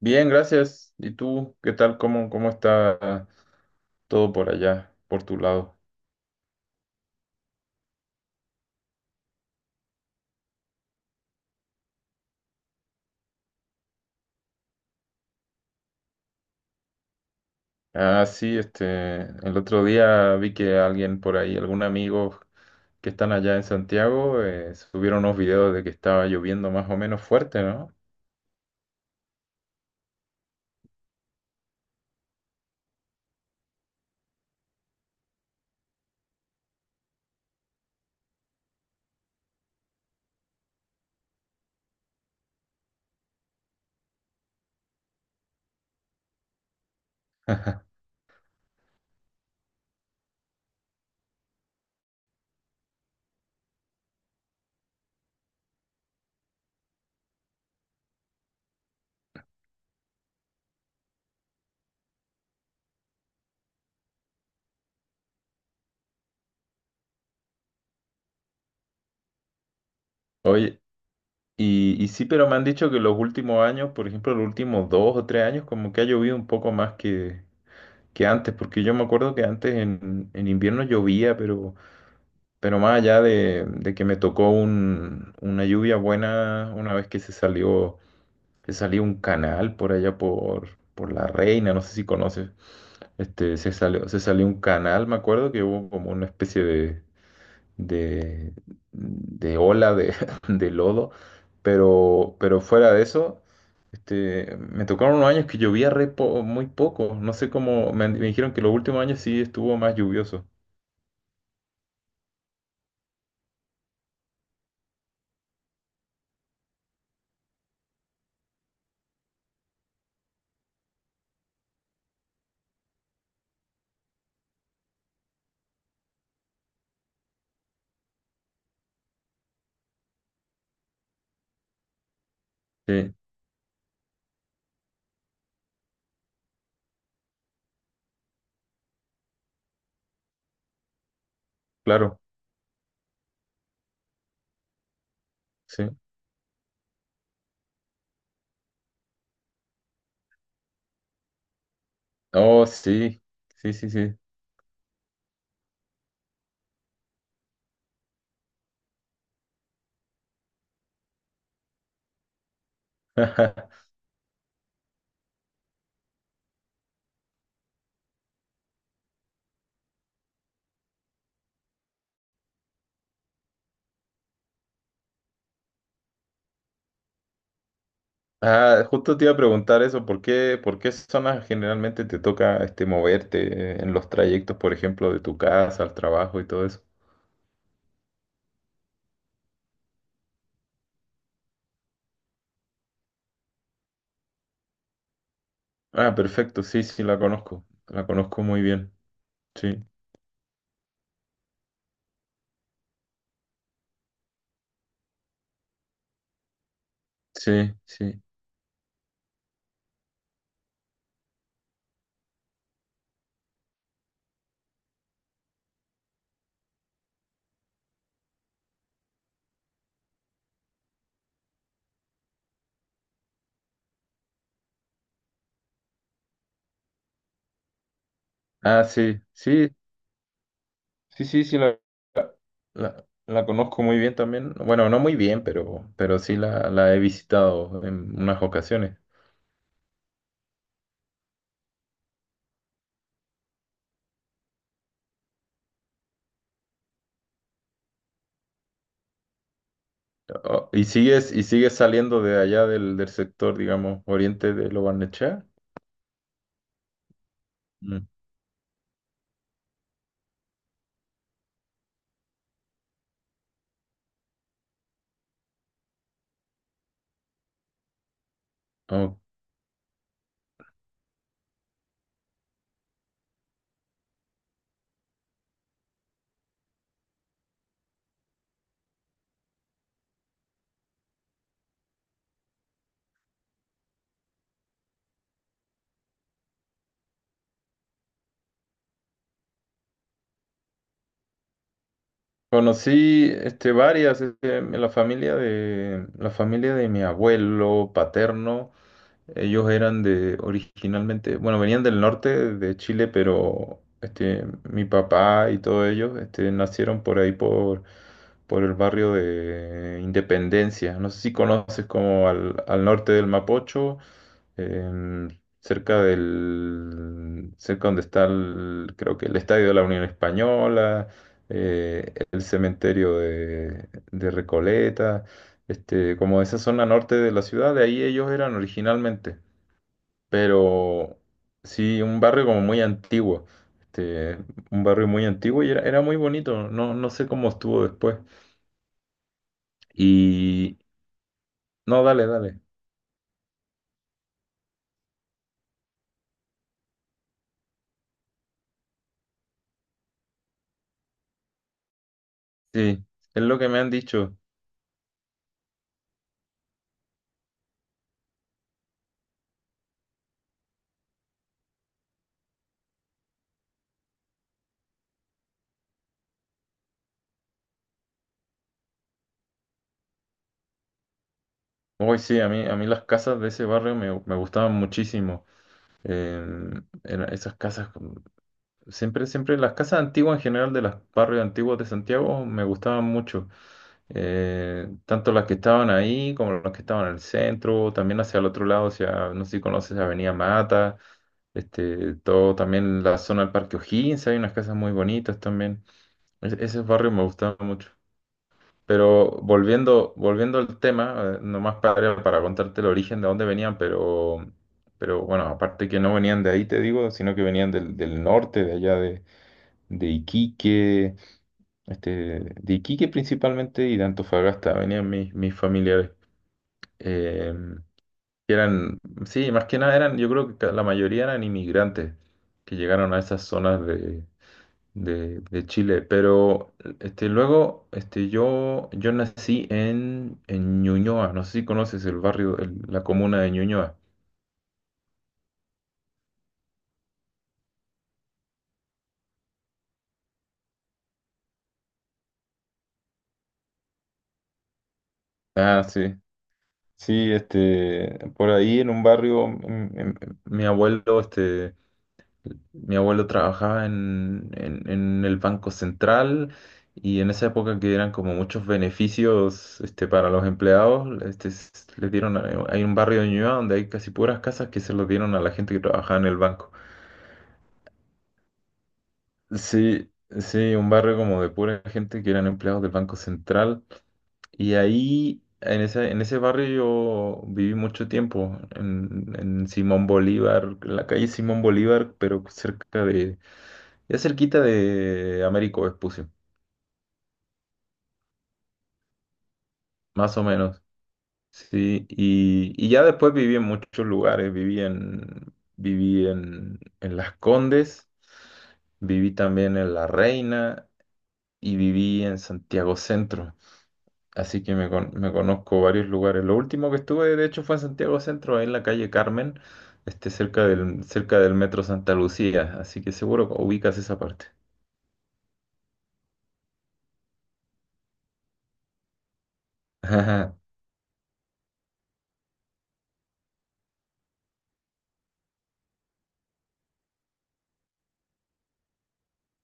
Bien, gracias. ¿Y tú qué tal? ¿¿Cómo está todo por allá, por tu lado? Ah, sí, este, el otro día vi que alguien por ahí, algún amigo que están allá en Santiago, subieron unos videos de que estaba lloviendo más o menos fuerte, ¿no? Oye, sí, pero me han dicho que los últimos años, por ejemplo, los últimos dos o tres años, como que ha llovido un poco más que antes, porque yo me acuerdo que antes en invierno llovía, pero más allá de que me tocó una lluvia buena una vez que se salió un canal por allá por La Reina, no sé si conoces. Este, se salió un canal, me acuerdo que hubo como una especie de, de ola de, de lodo. Pero fuera de eso, este, me tocaron unos años que llovía muy poco. No sé cómo, me dijeron que los últimos años sí estuvo más lluvioso. Sí, claro. Sí. Oh, sí, sí, sí, sí. Ah, justo te iba a preguntar eso, ¿por qué zonas generalmente te toca este, moverte en los trayectos, por ejemplo, de tu casa al trabajo y todo eso? Ah, perfecto, sí, sí, la conozco muy bien, sí, sí, sí. Ah, sí, sí, sí, sí, sí, la conozco muy bien también. Bueno, no muy bien, pero sí la he visitado en unas ocasiones. Oh, y sigues saliendo de allá del sector, digamos, oriente de Lo Barnechea? Mm. Oh. Conocí este, varias, este, la familia de mi abuelo paterno, ellos eran de originalmente, bueno, venían del norte de Chile, pero este, mi papá y todos ellos este, nacieron por ahí, por el barrio de Independencia. No sé si conoces como al norte del Mapocho em, cerca del, cerca donde está el, creo que el Estadio de la Unión Española, el cementerio de Recoleta, este, como esa zona norte de la ciudad, de ahí ellos eran originalmente, pero sí, un barrio como muy antiguo. Este, un barrio muy antiguo y era, era muy bonito, no, no sé cómo estuvo después. Y no, dale, dale. Sí, es lo que me han dicho. Hoy sí, a mí las casas de ese barrio me gustaban muchísimo. Em, esas casas, siempre, siempre, las casas antiguas en general de los barrios antiguos de Santiago me gustaban mucho. Tanto las que estaban ahí como las que estaban en el centro, también hacia el otro lado, hacia, no sé si conoces Avenida Mata, este, todo, también la zona del Parque O'Higgins, hay unas casas muy bonitas también. Ese barrio me gustaba mucho. Pero volviendo, volviendo al tema, nomás para contarte el origen de dónde venían, pero bueno, aparte que no venían de ahí, te digo, sino que venían del, del norte, de allá de Iquique, este, de Iquique principalmente y de Antofagasta, venían mis, mis familiares. Eh, que eran, sí, más que nada eran, yo creo que la mayoría eran inmigrantes que llegaron a esas zonas de de Chile, pero este, luego este, yo nací en Ñuñoa, no sé si conoces el barrio, la comuna de Ñuñoa. Ah, sí, sí, este, por ahí en un barrio, mm, mm, mi abuelo, este, mi abuelo trabajaba en el Banco Central y en esa época que eran como muchos beneficios, este, para los empleados, les dieron, hay un barrio de Ñuñoa donde hay casi puras casas que se los dieron a la gente que trabajaba en el banco. Sí, sí, un barrio como de pura gente que eran empleados del Banco Central. Y ahí, en ese barrio yo viví mucho tiempo, en Simón Bolívar, en la calle Simón Bolívar, pero cerca de, ya cerquita de Américo Vespucio, más o menos. Sí, y ya después viví en muchos lugares, viví en, en Las Condes, viví también en La Reina y viví en Santiago Centro. Así que me conozco varios lugares. Lo último que estuve, de hecho, fue en Santiago Centro, ahí en la calle Carmen, este, cerca del Metro Santa Lucía. Así que seguro que ubicas esa parte.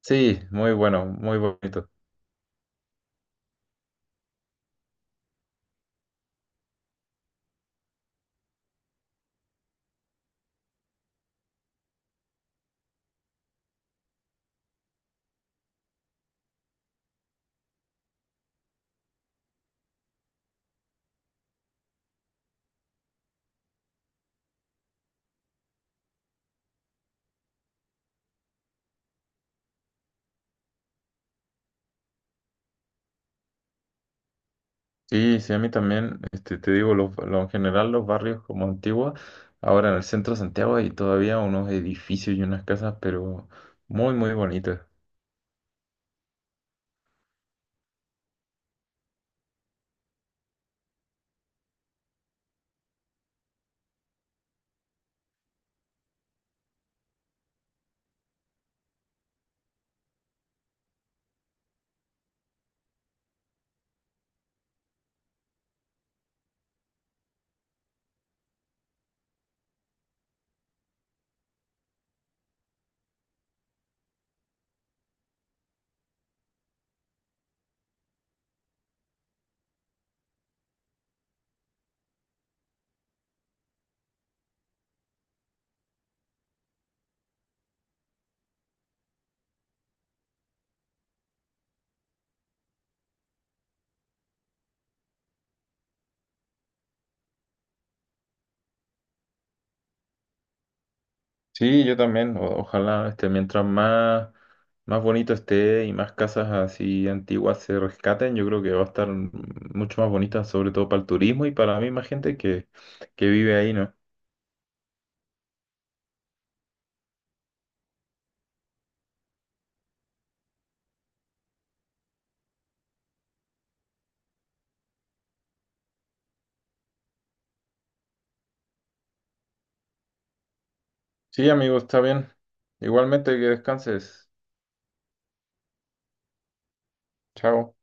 Sí, muy bueno, muy bonito. Sí, sí, a mí también, este, te digo, en general los barrios como Antigua, ahora en el centro de Santiago hay todavía unos edificios y unas casas, pero muy, muy bonitas. Sí, yo también. Ojalá, este, mientras más, más bonito esté y más casas así antiguas se rescaten, yo creo que va a estar mucho más bonita, sobre todo para el turismo y para la misma gente que vive ahí, ¿no? Sí, amigo, está bien. Igualmente que descanses. Chao.